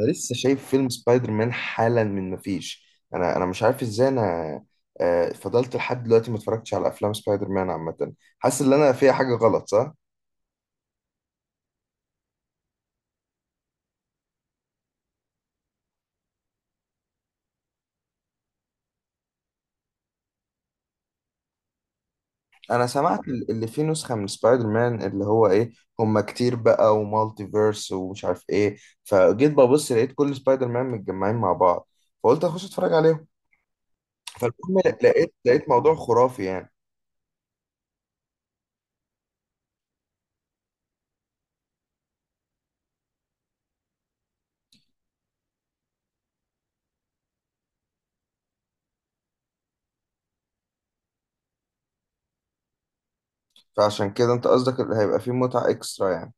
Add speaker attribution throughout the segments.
Speaker 1: انا لسه شايف فيلم سبايدر مان حالا من ما فيش. انا مش عارف ازاي انا. فضلت لحد دلوقتي ما اتفرجتش على افلام سبايدر مان عامه، حاسس ان انا فيها حاجه غلط. صح انا سمعت اللي فيه نسخه من سبايدر مان اللي هو ايه؟ هما كتير بقى، ومالتي فيرس ومش عارف ايه. فجيت ببص، لقيت كل سبايدر مان متجمعين مع بعض، فقلت اخش اتفرج عليهم. فالمهم لقيت موضوع خرافي يعني. فعشان كده انت قصدك اللي هيبقى فيه متعه اكسترا يعني؟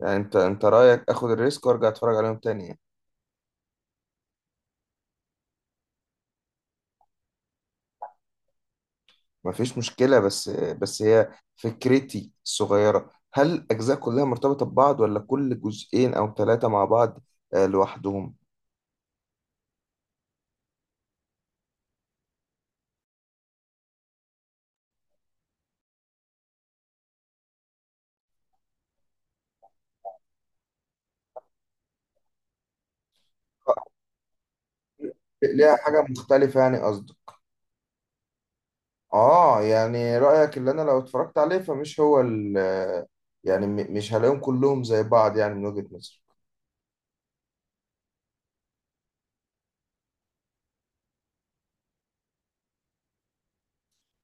Speaker 1: يعني انت رايك اخد الريسك وارجع اتفرج عليهم تاني يعني. ما فيش مشكلة، بس هي فكرتي الصغيرة، هل الأجزاء كلها مرتبطة ببعض، ولا كل جزئين أو ثلاثة مع بعض لوحدهم؟ آه، ليها حاجة مختلفة يعني قصدك؟ آه، يعني رأيك اللي أنا لو اتفرجت عليه فمش هو ال، يعني مش هلاقيهم كلهم زي بعض يعني من وجهة نظرك.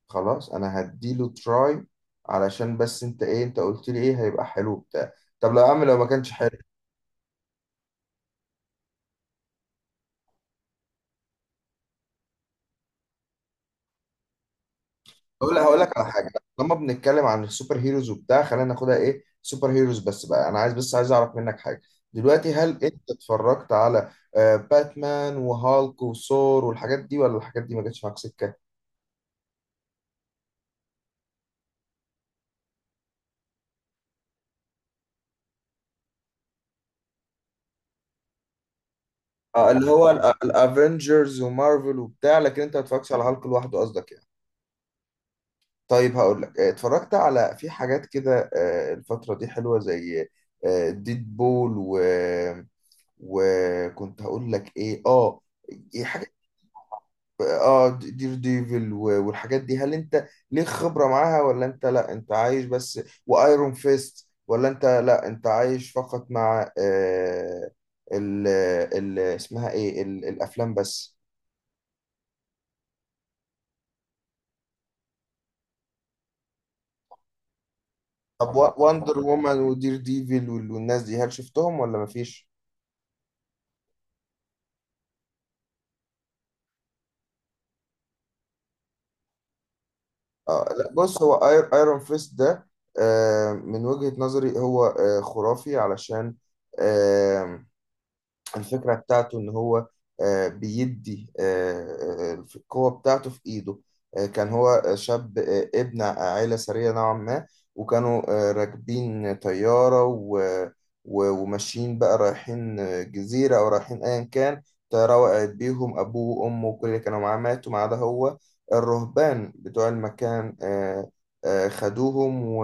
Speaker 1: خلاص أنا هديله تراي، علشان بس أنت إيه أنت قلت لي إيه هيبقى حلو بتاع. طب لو يا عم لو ما كانش حلو؟ هقول لك على حاجه. لما بنتكلم عن السوبر هيروز وبتاع، خلينا ناخدها ايه سوبر هيروز بس بقى. انا عايز، بس عايز اعرف منك حاجه. دلوقتي هل انت اتفرجت على باتمان وهالك وثور والحاجات دي، ولا الحاجات دي ما جاتش معاك سكه؟ اللي هو الافنجرز ومارفل وبتاع، لكن انت ما اتفرجتش على هالك لوحده قصدك يعني؟ طيب هقول لك، اتفرجت على في حاجات كده، الفتره دي حلوه، زي ديد بول و... وكنت هقول لك ايه، اه. اه دير ديفل والحاجات دي، هل انت ليك خبرة معاها، ولا انت لا انت عايش بس وايرون فيست؟ ولا انت لا انت عايش فقط مع ال ال اسمها ايه ال الافلام بس؟ طب وندر وومن ودير ديفل والناس دي، هل شفتهم ولا مفيش؟ اه لا، بص هو ايرون فيست ده، من وجهة نظري هو خرافي، علشان الفكرة بتاعته إن هو، بيدي القوة بتاعته في إيده. كان هو شاب، ابن عائلة ثرية نوعا ما. وكانوا راكبين طيارة، وماشيين بقى رايحين جزيرة أو رايحين أيا كان. طيارة وقعت بيهم، أبوه وأمه وكل اللي كانوا معاه ماتوا ما عدا هو. الرهبان بتوع المكان خدوهم،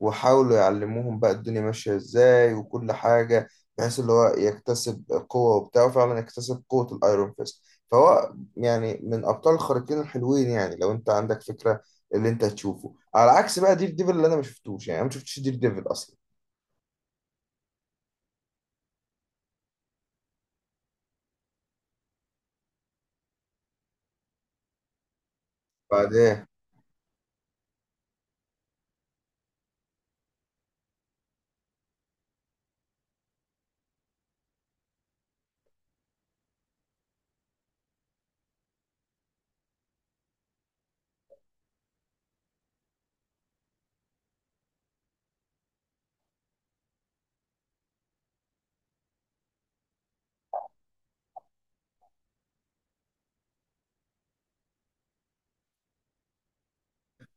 Speaker 1: وحاولوا يعلموهم بقى الدنيا ماشية ازاي وكل حاجة، بحيث اللي هو يكتسب قوة وبتاع. وفعلا يكتسب قوة الايرون فيست. فهو يعني من ابطال الخارقين الحلوين، يعني لو انت عندك فكرة اللي انت هتشوفه على عكس بقى دير ديفل، اللي انا ما شفتوش، يعني انا ما شفتش دير ديفل اصلا. بعدين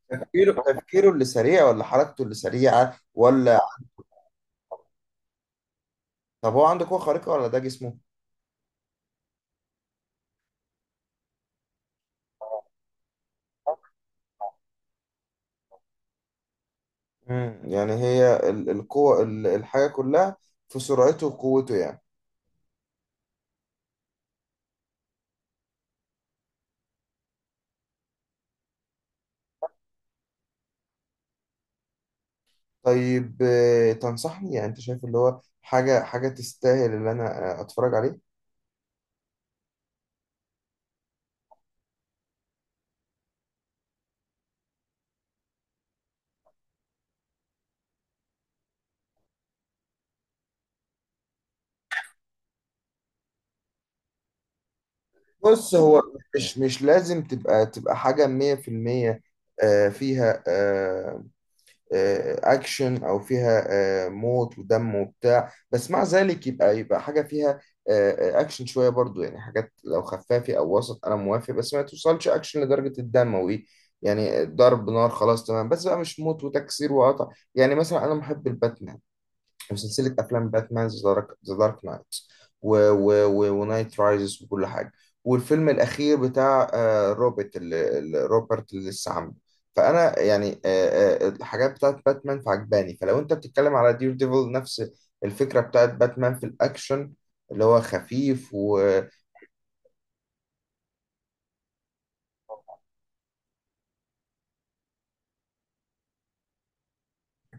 Speaker 1: تفكيره اللي سريع، ولا حركته اللي سريعة، ولا؟ طب هو عنده قوة خارقة ولا ده جسمه؟ مم. يعني هي القوة، الحاجة كلها في سرعته وقوته يعني. طيب تنصحني؟ يعني انت شايف اللي هو حاجة تستاهل اللي انا اتفرج عليه؟ بص هو مش لازم تبقى حاجة 100%، آه، فيها آه، اكشن، او فيها موت ودم وبتاع. بس مع ذلك يبقى حاجة فيها اكشن شوية برضو. يعني حاجات لو خفافي او وسط انا موافق، بس ما توصلش اكشن لدرجة الدم وايه. يعني ضرب نار خلاص تمام، بس بقى مش موت وتكسير وقطع. يعني مثلا انا محب الباتمان وسلسلة أفلام باتمان، ذا دارك نايت، ونايت رايزز، وكل حاجة. والفيلم الأخير بتاع روبرت روبرت اللي لسه عامله. فأنا يعني الحاجات بتاعت باتمان فعجباني. فلو أنت بتتكلم على دير ديفل نفس الفكرة بتاعت باتمان في الأكشن اللي هو خفيف و...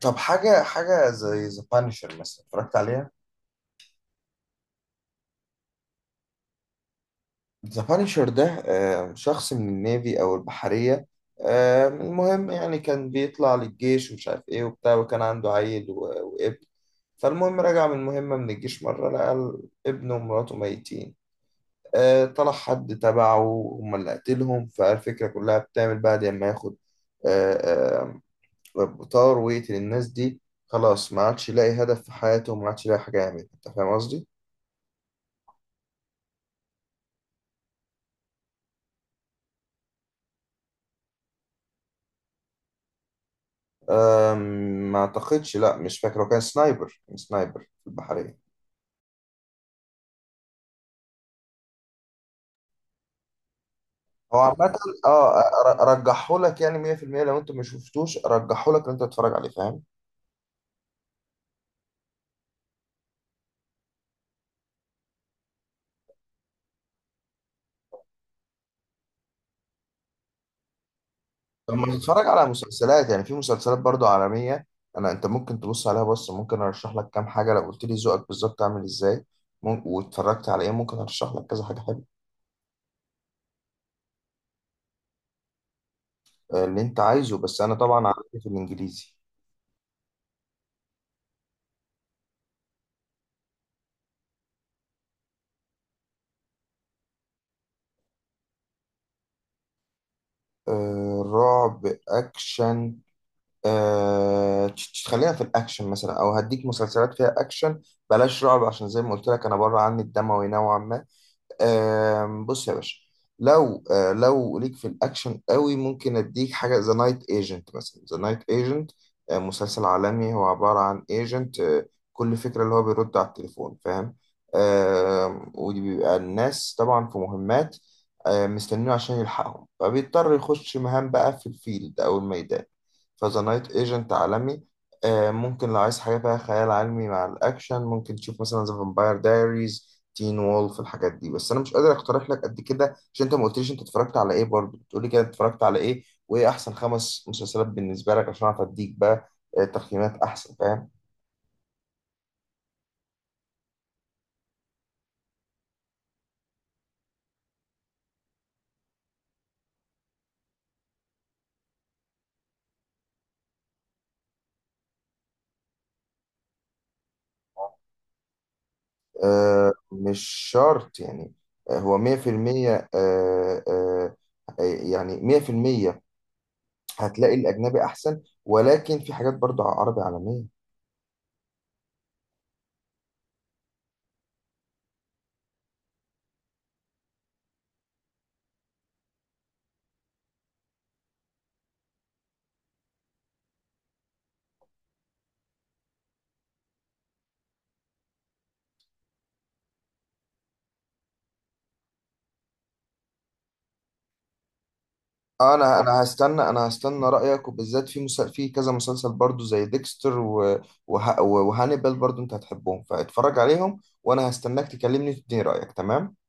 Speaker 1: طب حاجة زي ذا بانشر مثلا اتفرجت عليها؟ ذا بانشر ده شخص من النيفي أو البحرية. المهم يعني كان بيطلع للجيش ومش عارف إيه وبتاع، وكان عنده عيل وابن. فالمهم رجع من مهمة من الجيش مرة، لقى ابنه ومراته ميتين. طلع حد تبعه هما اللي قتلهم. فالفكرة كلها بتعمل بعد ما ياخد آه، بطار ويقتل الناس دي. خلاص ما عادش يلاقي هدف في حياته، وما عادش يلاقي حاجة يعملها. أنت فاهم قصدي؟ أم، ما اعتقدش، لا مش فاكر، هو كان سنايبر في البحرية. هو عامة اه رجحه لك يعني 100%. لو انت ما شفتوش رجحه لك ان انت تتفرج عليه فاهم. طب ما تتفرج على مسلسلات؟ يعني في مسلسلات برضو عالمية، انا انت ممكن تبص عليها. بص ممكن ارشح لك كام حاجة، لو قلت لي ذوقك بالظبط عامل ازاي، ممكن واتفرجت على ايه، ممكن ارشح لك كذا حاجة حلوة. اللي انت عايزه بس انا طبعا عارف. في الانجليزي رعب اكشن؟ خلينا في الأكشن مثلا، أو هديك مسلسلات فيها أكشن. بلاش رعب عشان زي ما قلت لك أنا بره عني الدموي نوعا ما. بص يا باشا، لو ليك في الاكشن قوي، ممكن اديك حاجه ذا نايت ايجنت مثلا. ذا نايت ايجنت مسلسل عالمي، هو عباره عن ايجنت، كل فكره اللي هو بيرد على التليفون فاهم. ودي بيبقى الناس طبعا في مهمات مستنينه عشان يلحقهم، فبيضطر يخش مهام بقى في الفيلد او الميدان. فذا نايت ايجنت عالمي. ممكن لو عايز حاجه فيها خيال علمي مع الاكشن، ممكن تشوف مثلا ذا فامباير دايريز، تين وولف، الحاجات دي. بس انا مش قادر اقترح لك قد كده عشان انت ما قلتليش انت اتفرجت على ايه، برضه بتقولي كده اتفرجت على ايه، وايه احسن 5 مسلسلات بالنسبه لك عشان اعرف اديك بقى تقييمات احسن فاهم. آه مش شرط يعني. هو 100%، آه آه يعني 100%، هتلاقي الاجنبي احسن، ولكن في حاجات برضه عربي عالميه. انا هستنى رايك، وبالذات في كذا مسلسل برضو زي ديكستر و... وهانيبال برضو، انت هتحبهم فاتفرج عليهم، وانا هستناك تكلمني تديني رايك. تمام.